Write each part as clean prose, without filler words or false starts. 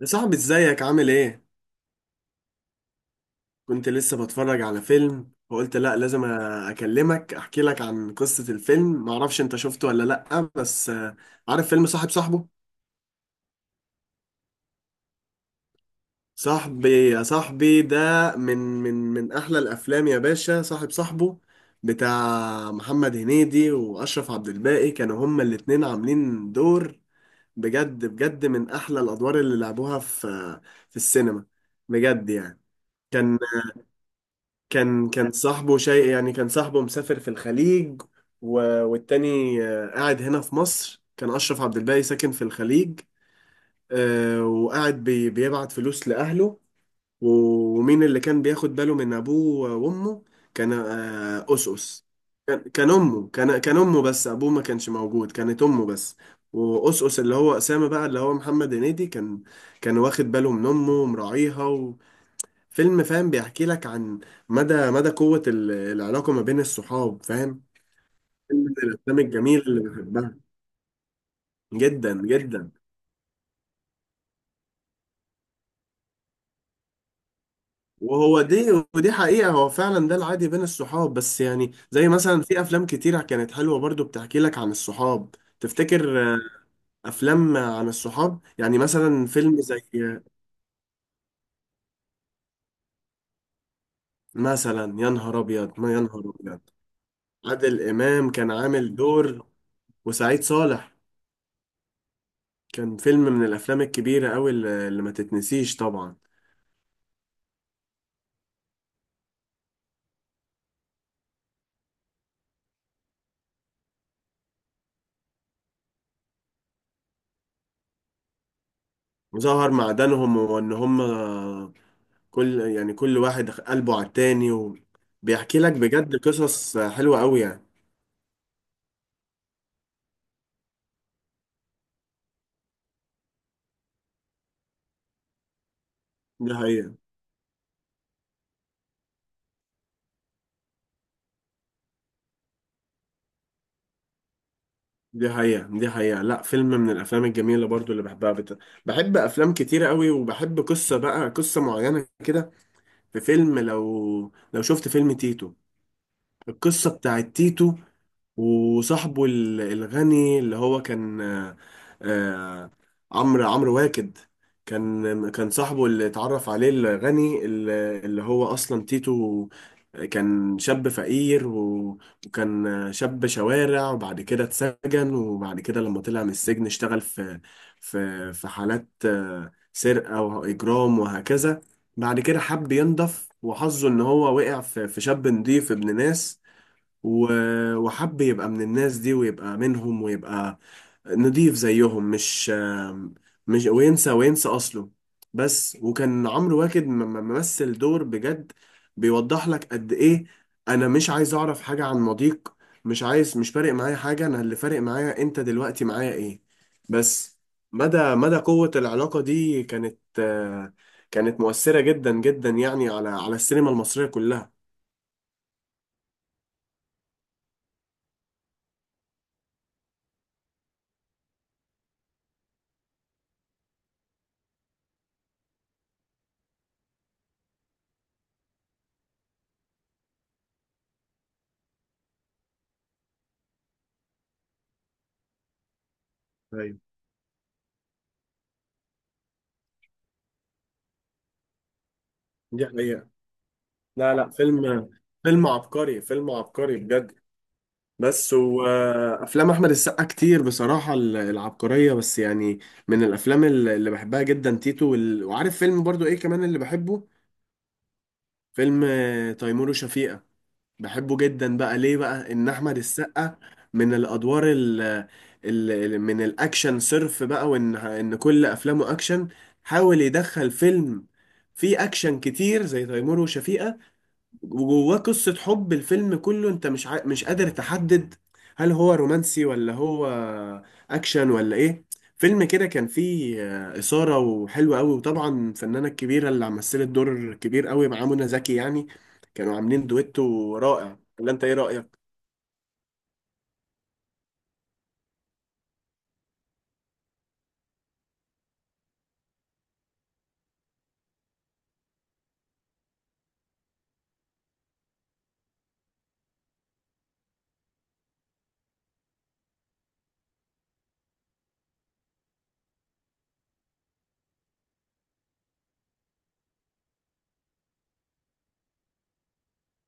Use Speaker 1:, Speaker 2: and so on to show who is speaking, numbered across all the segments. Speaker 1: يا صاحبي ازيك عامل ايه؟ كنت لسه بتفرج على فيلم وقلت لا لازم اكلمك، احكي لك عن قصة الفيلم، معرفش انت شفته ولا لا، بس عارف فيلم صاحب صاحبه؟ صاحبي يا صاحبي ده من احلى الافلام يا باشا. صاحب صاحبه بتاع محمد هنيدي واشرف عبد الباقي، كانوا هما الاتنين عاملين دور. بجد بجد من احلى الادوار اللي لعبوها في السينما، بجد يعني. كان كان صاحبه شيء يعني، كان صاحبه مسافر في الخليج و... والتاني قاعد هنا في مصر. كان أشرف عبد الباقي ساكن في الخليج، وقاعد بيبعت فلوس لأهله. ومين اللي كان بياخد باله من أبوه وأمه؟ كان آه، أس أس، كان أمه بس، أبوه ما كانش موجود، كانت أمه بس. وأس اللي هو أسامة بقى، اللي هو محمد هنيدي، كان واخد باله من أمه ومراعيها. فيلم، فاهم، بيحكي لك عن مدى مدى قوة العلاقة ما بين الصحاب، فاهم. فيلم من الأفلام الجميل اللي بحبها جدا جدا. وهو دي، ودي حقيقة، هو فعلا ده العادي بين الصحاب، بس يعني زي مثلا في أفلام كتيرة كانت حلوة برضو بتحكي لك عن الصحاب. تفتكر، أفلام عن الصحاب يعني مثلا، فيلم زي مثلا يا نهار أبيض ما يا نهار أبيض. عادل إمام كان عامل دور، وسعيد صالح. كان فيلم من الأفلام الكبيرة أوي اللي ما تتنسيش طبعا. ظهر معدنهم وان هم، كل يعني كل واحد قلبه على التاني، وبيحكي لك بجد قصص حلوة قوي يعني. دي حقيقة. دي حقيقة. دي حقيقة. لا، فيلم من الافلام الجميلة برضو اللي بحبها. بحب افلام كتيرة قوي، وبحب قصة، بقى قصة معينة كده. في فيلم، لو شفت فيلم تيتو، القصة بتاعت تيتو وصاحبه الغني اللي هو كان آه، عمرو واكد. كان صاحبه اللي اتعرف عليه، الغني اللي اللي هو اصلا تيتو. كان شاب فقير وكان شاب شوارع، وبعد كده اتسجن، وبعد كده لما طلع من السجن اشتغل في في حالات سرقة وإجرام وهكذا. بعد كده حب ينضف، وحظه إن هو وقع في شاب نضيف ابن ناس. وحب يبقى من الناس دي ويبقى منهم، ويبقى نضيف زيهم، مش وينسى أصله. بس، وكان عمرو واكد ممثل دور بجد، بيوضح لك قد إيه: أنا مش عايز أعرف حاجة عن ماضيك، مش عايز، مش فارق معايا حاجة، أنا اللي فارق معايا أنت دلوقتي معايا إيه بس. مدى مدى قوة العلاقة دي، كانت مؤثرة جدا جدا يعني، على السينما المصرية كلها. ايوه، دي حقيقة. لا لا، فيلم عبقري، فيلم عبقري بجد. بس وافلام احمد السقا كتير بصراحه العبقريه، بس يعني من الافلام اللي بحبها جدا تيتو، وعارف فيلم برضو ايه كمان اللي بحبه؟ فيلم تيمور وشفيقة. بحبه جدا بقى ليه؟ بقى ان احمد السقا من الادوار، من الاكشن صرف بقى، وان كل افلامه اكشن، حاول يدخل فيلم فيه اكشن كتير زي تيمور وشفيقة، وجواه قصة حب. الفيلم كله انت مش مش قادر تحدد هل هو رومانسي ولا هو اكشن ولا ايه. فيلم كده كان فيه إثارة وحلو قوي. وطبعا الفنانة الكبيرة اللي مثلت دور كبير قوي مع منى زكي، يعني كانوا عاملين دويتو رائع، ولا انت ايه رأيك؟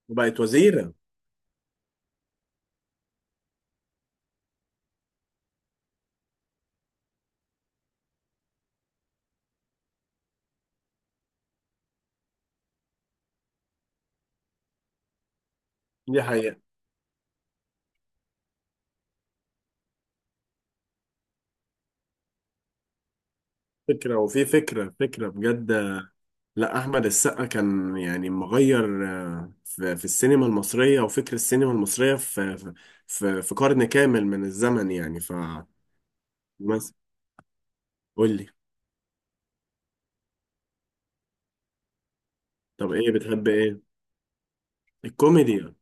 Speaker 1: وبقت وزيرة. دي حقيقة. فكرة، وفي فكرة، فكرة بجد. لا، احمد السقا كان يعني مغير في السينما المصريه وفكر السينما المصريه في في قرن كامل من الزمن يعني. مثلا، قول لي، طب ايه بتحب، ايه الكوميديا؟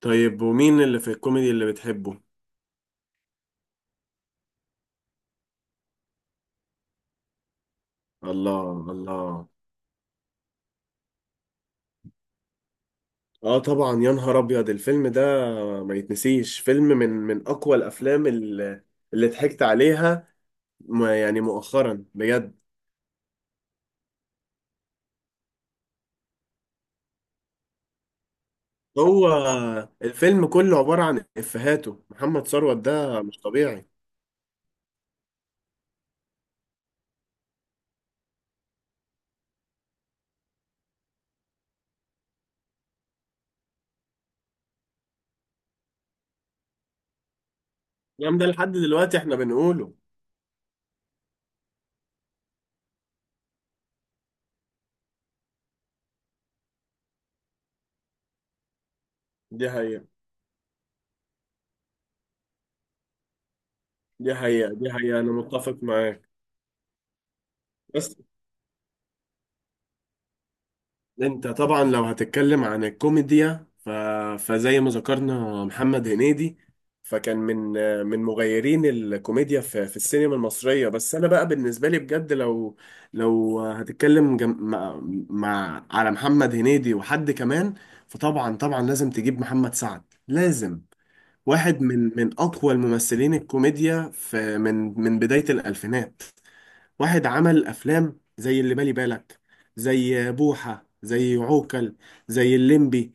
Speaker 1: طيب ومين اللي في الكوميدي اللي بتحبه؟ الله الله. اه طبعا، يا نهار ابيض الفيلم ده، ما يتنسيش. فيلم من اقوى الافلام اللي ضحكت عليها يعني مؤخرا بجد. هو الفيلم كله عبارة عن إفيهاته. محمد ثروت ده مش طبيعي. الكلام ده لحد دلوقتي احنا بنقوله. دي حقيقة. دي حقيقة. دي حقيقة، أنا متفق معاك. بس انت طبعا لو هتتكلم عن الكوميديا، فزي ما ذكرنا محمد هنيدي، فكان من مغيرين الكوميديا في السينما المصرية. بس انا بقى بالنسبة لي بجد، لو هتتكلم مع على محمد هنيدي وحد كمان، فطبعا طبعا لازم تجيب محمد سعد، لازم. واحد من اقوى الممثلين الكوميديا، في من بداية الألفينات. واحد عمل افلام زي اللي بالي بالك، زي بوحة، زي عوكل، زي الليمبي.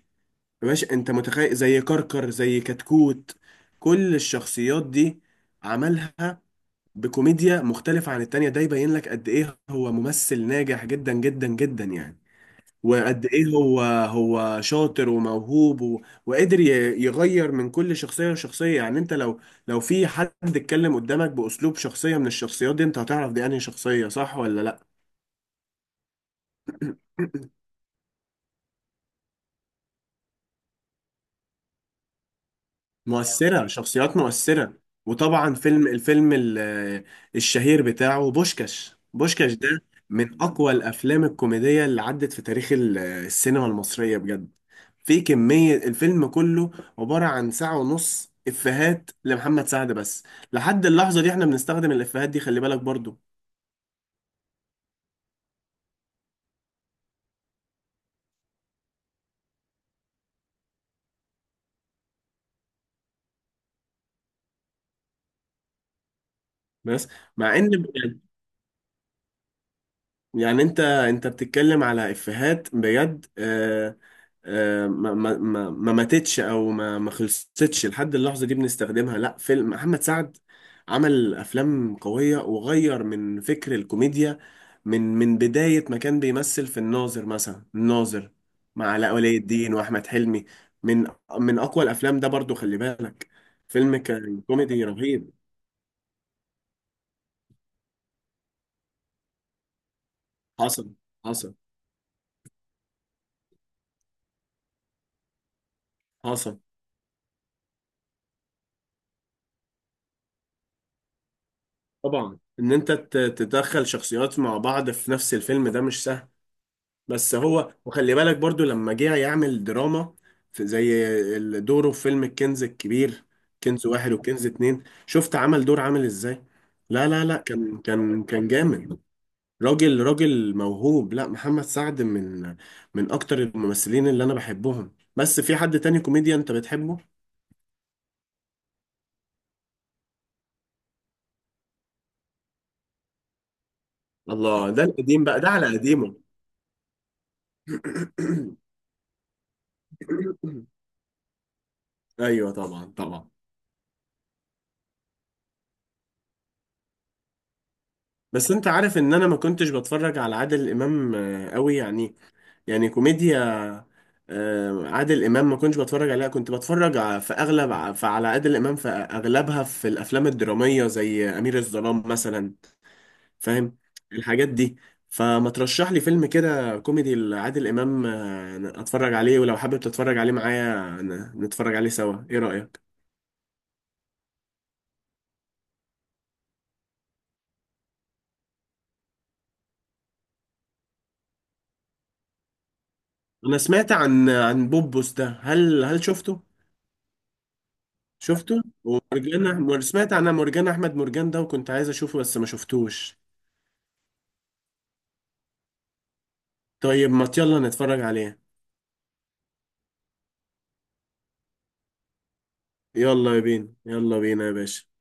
Speaker 1: يا باشا انت متخيل؟ زي كركر، زي كتكوت. كل الشخصيات دي عملها بكوميديا مختلفة عن التانية. ده يبين لك قد ايه هو ممثل ناجح جدا جدا جدا يعني، وقد ايه هو هو شاطر وموهوب، وقدر يغير من كل شخصية لشخصية. يعني انت، لو في حد اتكلم قدامك بأسلوب شخصية من الشخصيات دي، انت هتعرف دي انهي شخصية، صح ولا لا. مؤثرة، شخصيات مؤثرة. وطبعا الفيلم الشهير بتاعه بوشكاش، بوشكاش ده من أقوى الأفلام الكوميدية اللي عدت في تاريخ السينما المصرية بجد. في كمية، الفيلم كله عبارة عن ساعة ونص إفيهات لمحمد سعد بس. لحد اللحظة دي احنا بنستخدم الإفيهات دي، خلي بالك برضو. بس مع إن، يعني انت بتتكلم على افيهات بجد. ما ماتتش، او ما خلصتش لحد اللحظه دي بنستخدمها. لا، فيلم محمد سعد عمل افلام قويه وغير من فكر الكوميديا. من بدايه ما كان بيمثل في الناظر، مثلا الناظر مع علاء ولي الدين واحمد حلمي. من من اقوى الافلام ده، برضو خلي بالك. فيلم كان كوميدي رهيب. حصل، حصل، حصل. طبعا، ان انت تدخل شخصيات مع بعض في نفس الفيلم، ده مش سهل بس. هو، وخلي بالك برضو لما جه يعمل دراما، في زي دوره في فيلم الكنز الكبير، كنز واحد وكنز اتنين. شفت عمل دور عامل ازاي؟ لا لا لا، كان جامد. راجل راجل موهوب. لا، محمد سعد من اكتر الممثلين اللي انا بحبهم. بس في حد تاني كوميديا انت بتحبه؟ الله، ده القديم بقى، ده على قديمه. ايوه طبعا طبعا. بس انت عارف ان انا ما كنتش بتفرج على عادل امام قوي يعني. يعني كوميديا عادل امام ما كنتش بتفرج عليها. كنت بتفرج في اغلب على عادل امام في اغلبها في الافلام الدراميه زي امير الظلام مثلا. فاهم، الحاجات دي. فما ترشح لي فيلم كده كوميدي لعادل امام اتفرج عليه، ولو حابب تتفرج عليه معايا نتفرج عليه سوا، ايه رايك؟ انا سمعت عن بوبوس ده، هل شفته؟ شفته. ومرجان سمعت عن مرجان احمد مرجان ده، وكنت عايز اشوفه بس ما شفتوش. طيب ما يلا نتفرج عليه. يلا بينا يلا بينا يا باشا.